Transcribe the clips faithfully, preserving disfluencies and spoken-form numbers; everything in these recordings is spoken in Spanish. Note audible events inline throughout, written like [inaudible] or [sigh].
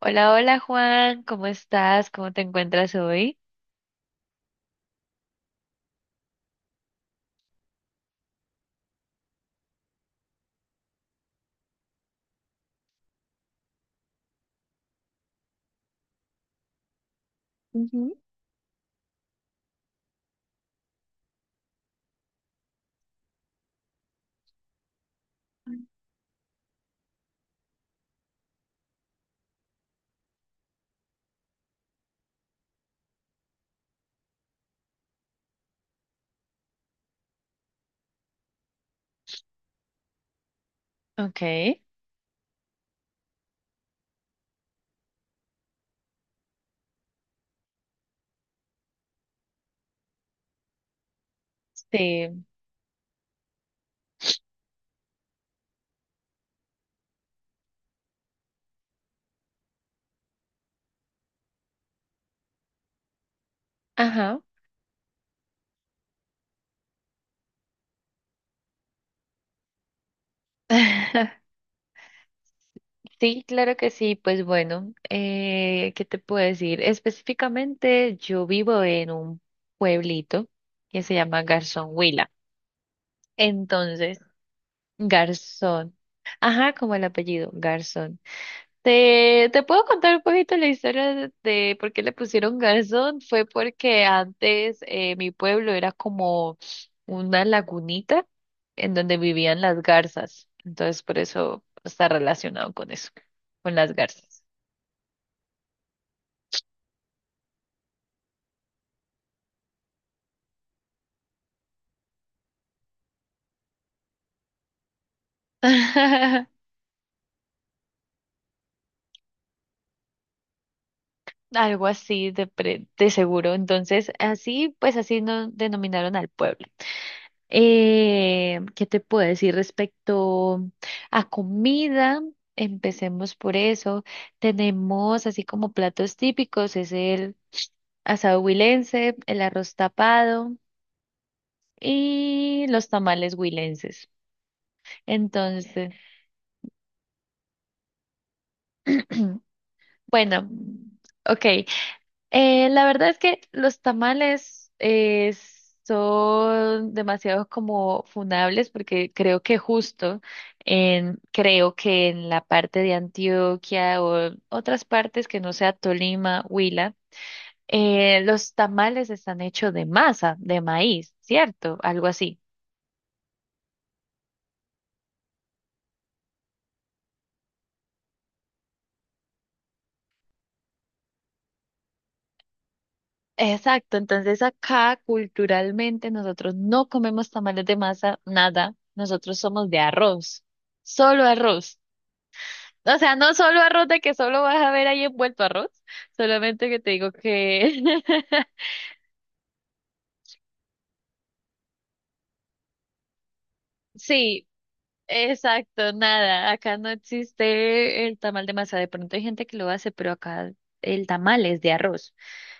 Hola, hola Juan, ¿cómo estás? ¿Cómo te encuentras hoy? Ujú. Ok, sí, ajá. [laughs] Sí, claro que sí. Pues bueno, eh, ¿qué te puedo decir? Específicamente, yo vivo en un pueblito que se llama Garzón Huila. Entonces, Garzón, ajá, como el apellido, Garzón. Te, te puedo contar un poquito la historia de, de por qué le pusieron garzón. Fue porque antes eh, mi pueblo era como una lagunita en donde vivían las garzas. Entonces, por eso está relacionado con eso, con las garzas. [laughs] Algo así de, pre- de seguro. Entonces, así, pues así no denominaron al pueblo. Eh, ¿qué te puedo decir respecto a comida? Empecemos por eso. Tenemos así como platos típicos, es el asado huilense, el arroz tapado y los tamales huilenses. Entonces, [clears throat] bueno, ok. Eh, la verdad es que los tamales eh, son demasiado como funables porque creo que justo en, creo que en la parte de Antioquia o en otras partes que no sea Tolima, Huila, eh, los tamales están hechos de masa, de maíz, ¿cierto? Algo así. Exacto, entonces acá culturalmente nosotros no comemos tamales de masa, nada, nosotros somos de arroz, solo arroz. O sea, no solo arroz de que solo vas a ver ahí envuelto arroz, solamente que te digo que [laughs] sí, exacto, nada, acá no existe el tamal de masa, de pronto hay gente que lo hace, pero acá el tamal es de arroz,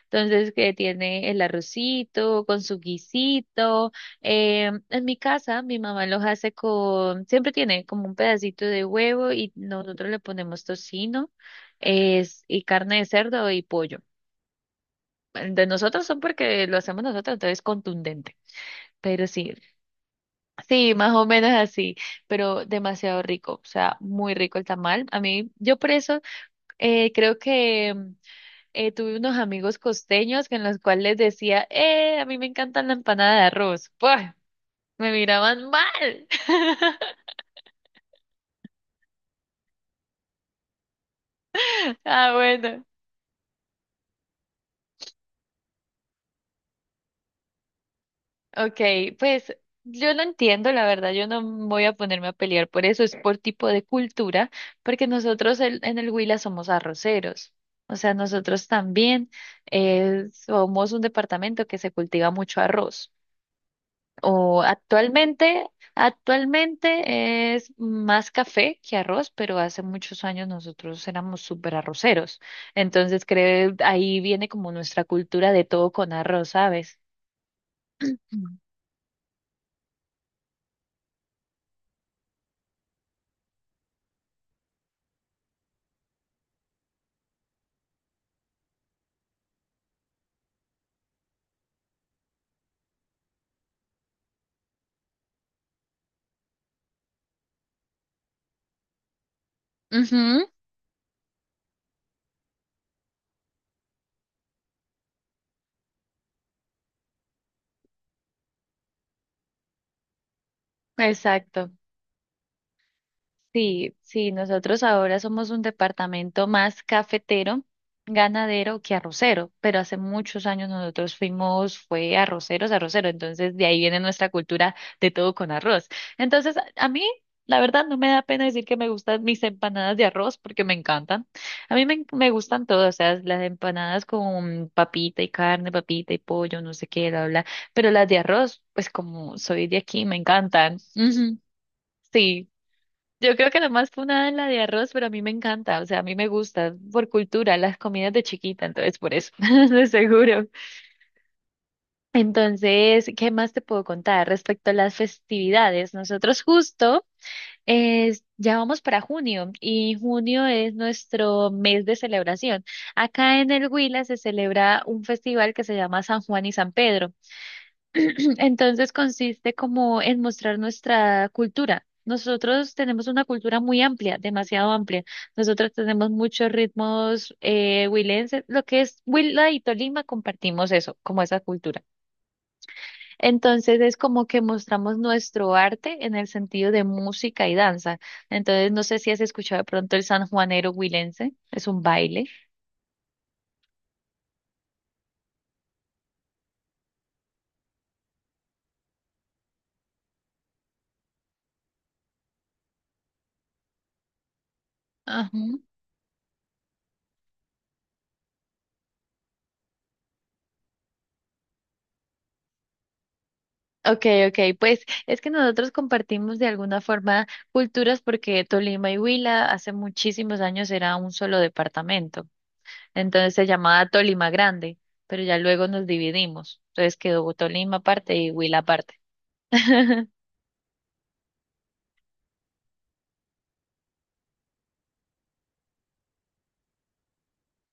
entonces que tiene el arrocito con su guisito, eh, en mi casa mi mamá los hace con, siempre tiene como un pedacito de huevo y nosotros le ponemos tocino, es, y carne de cerdo y pollo. De nosotros son porque lo hacemos nosotros, entonces es contundente. Pero sí, sí, más o menos así, pero demasiado rico, o sea, muy rico el tamal. A mí, yo por eso eh, creo que mm, eh, tuve unos amigos costeños que en los cuales les decía, eh, a mí me encanta la empanada de arroz. Pues, me miraban mal. [laughs] Ah, bueno. Ok, pues yo lo entiendo, la verdad, yo no me voy a ponerme a pelear por eso, es por tipo de cultura, porque nosotros el- en el Huila somos arroceros, o sea, nosotros también eh, somos un departamento que se cultiva mucho arroz, o actualmente, actualmente es más café que arroz, pero hace muchos años nosotros éramos súper arroceros, entonces creo ahí viene como nuestra cultura de todo con arroz, ¿sabes? Mm. Ujú, exacto. Sí, sí, nosotros ahora somos un departamento más cafetero, ganadero que arrocero, pero hace muchos años nosotros fuimos, fue arroceros, arrocero, entonces de ahí viene nuestra cultura de todo con arroz. Entonces, a a mí, la verdad, no me da pena decir que me gustan mis empanadas de arroz porque me encantan. A mí me, me gustan todas, o sea, las empanadas con papita y carne, papita y pollo, no sé qué, bla, bla, bla, pero las de arroz, pues como soy de aquí, me encantan. Ujú, sí. Yo creo que la más funada es la de arroz, pero a mí me encanta, o sea, a mí me gusta por cultura, las comidas de chiquita, entonces por eso, [laughs] de seguro. Entonces, ¿qué más te puedo contar respecto a las festividades? Nosotros justo eh, ya vamos para junio y junio es nuestro mes de celebración. Acá en el Huila se celebra un festival que se llama San Juan y San Pedro. [clears throat] Entonces consiste como en mostrar nuestra cultura. Nosotros tenemos una cultura muy amplia, demasiado amplia. Nosotros tenemos muchos ritmos eh, huilenses. Lo que es Huila y Tolima compartimos eso, como esa cultura. Entonces es como que mostramos nuestro arte en el sentido de música y danza. Entonces no sé si has escuchado de pronto el sanjuanero huilense, es un baile. Okay, okay, pues es que nosotros compartimos de alguna forma culturas porque Tolima y Huila hace muchísimos años era un solo departamento, entonces se llamaba Tolima Grande, pero ya luego nos dividimos, entonces quedó Tolima aparte y Huila aparte. [laughs]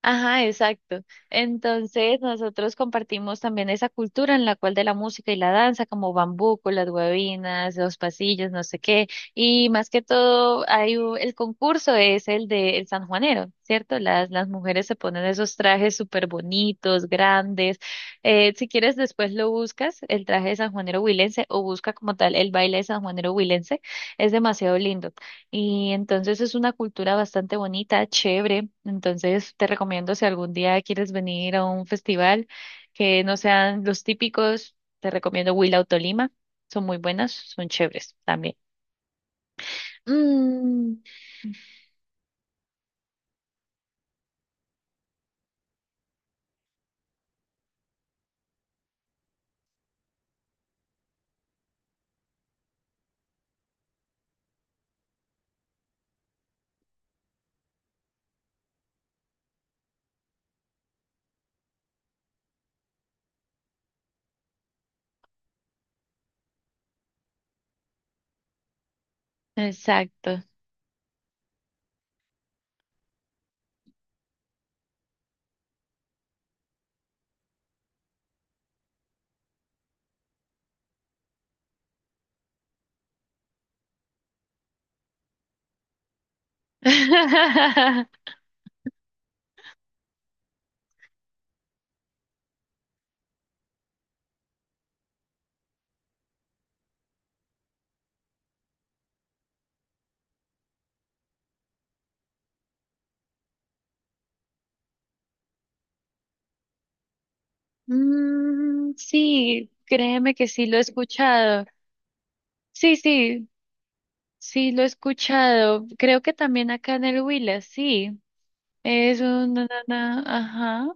Ajá, exacto. Entonces, nosotros compartimos también esa cultura en la cual de la música y la danza, como bambuco, las huevinas, los pasillos, no sé qué. Y más que todo, hay u- el concurso es el de el sanjuanero, ¿cierto? Las, las mujeres se ponen esos trajes súper bonitos, grandes. Eh, si quieres, después lo buscas, el traje de sanjuanero huilense, o busca como tal el baile de sanjuanero huilense. Es demasiado lindo. Y entonces es una cultura bastante bonita, chévere. Entonces te recomiendo si algún día quieres venir a un festival que no sean los típicos, te recomiendo Huila o Tolima. Son muy buenas, son chéveres también. Mm, exacto. [laughs] Mm, sí, créeme que sí lo he escuchado. Sí, sí, sí lo he escuchado. Creo que también acá en el Huila, sí. Es un na, na, na, ajá.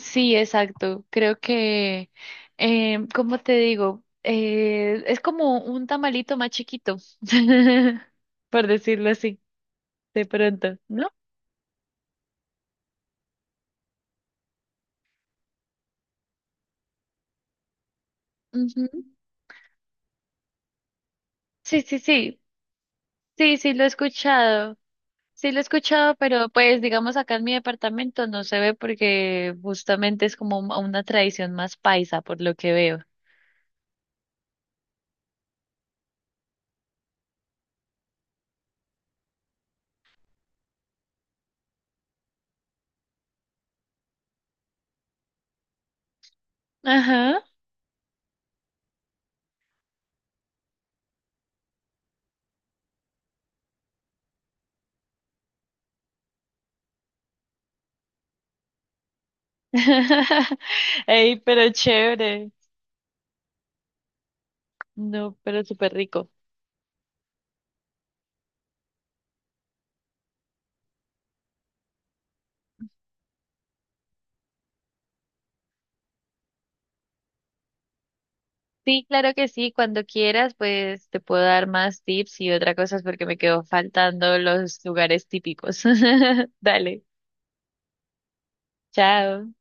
Sí, exacto. Creo que, eh, ¿cómo te digo? Eh, es como un tamalito más chiquito, [laughs] por decirlo así, de pronto, ¿no? Ujú. Sí, sí, sí. Sí, sí, lo he escuchado. Sí, lo he escuchado, pero pues digamos acá en mi departamento no se ve porque justamente es como un- una tradición más paisa, por lo que veo. Ajá. [laughs] Ey, pero chévere. No, pero súper rico. Sí, claro que sí, cuando quieras, pues te puedo dar más tips y otra cosa es porque me quedó faltando los lugares típicos. [laughs] Dale, chao.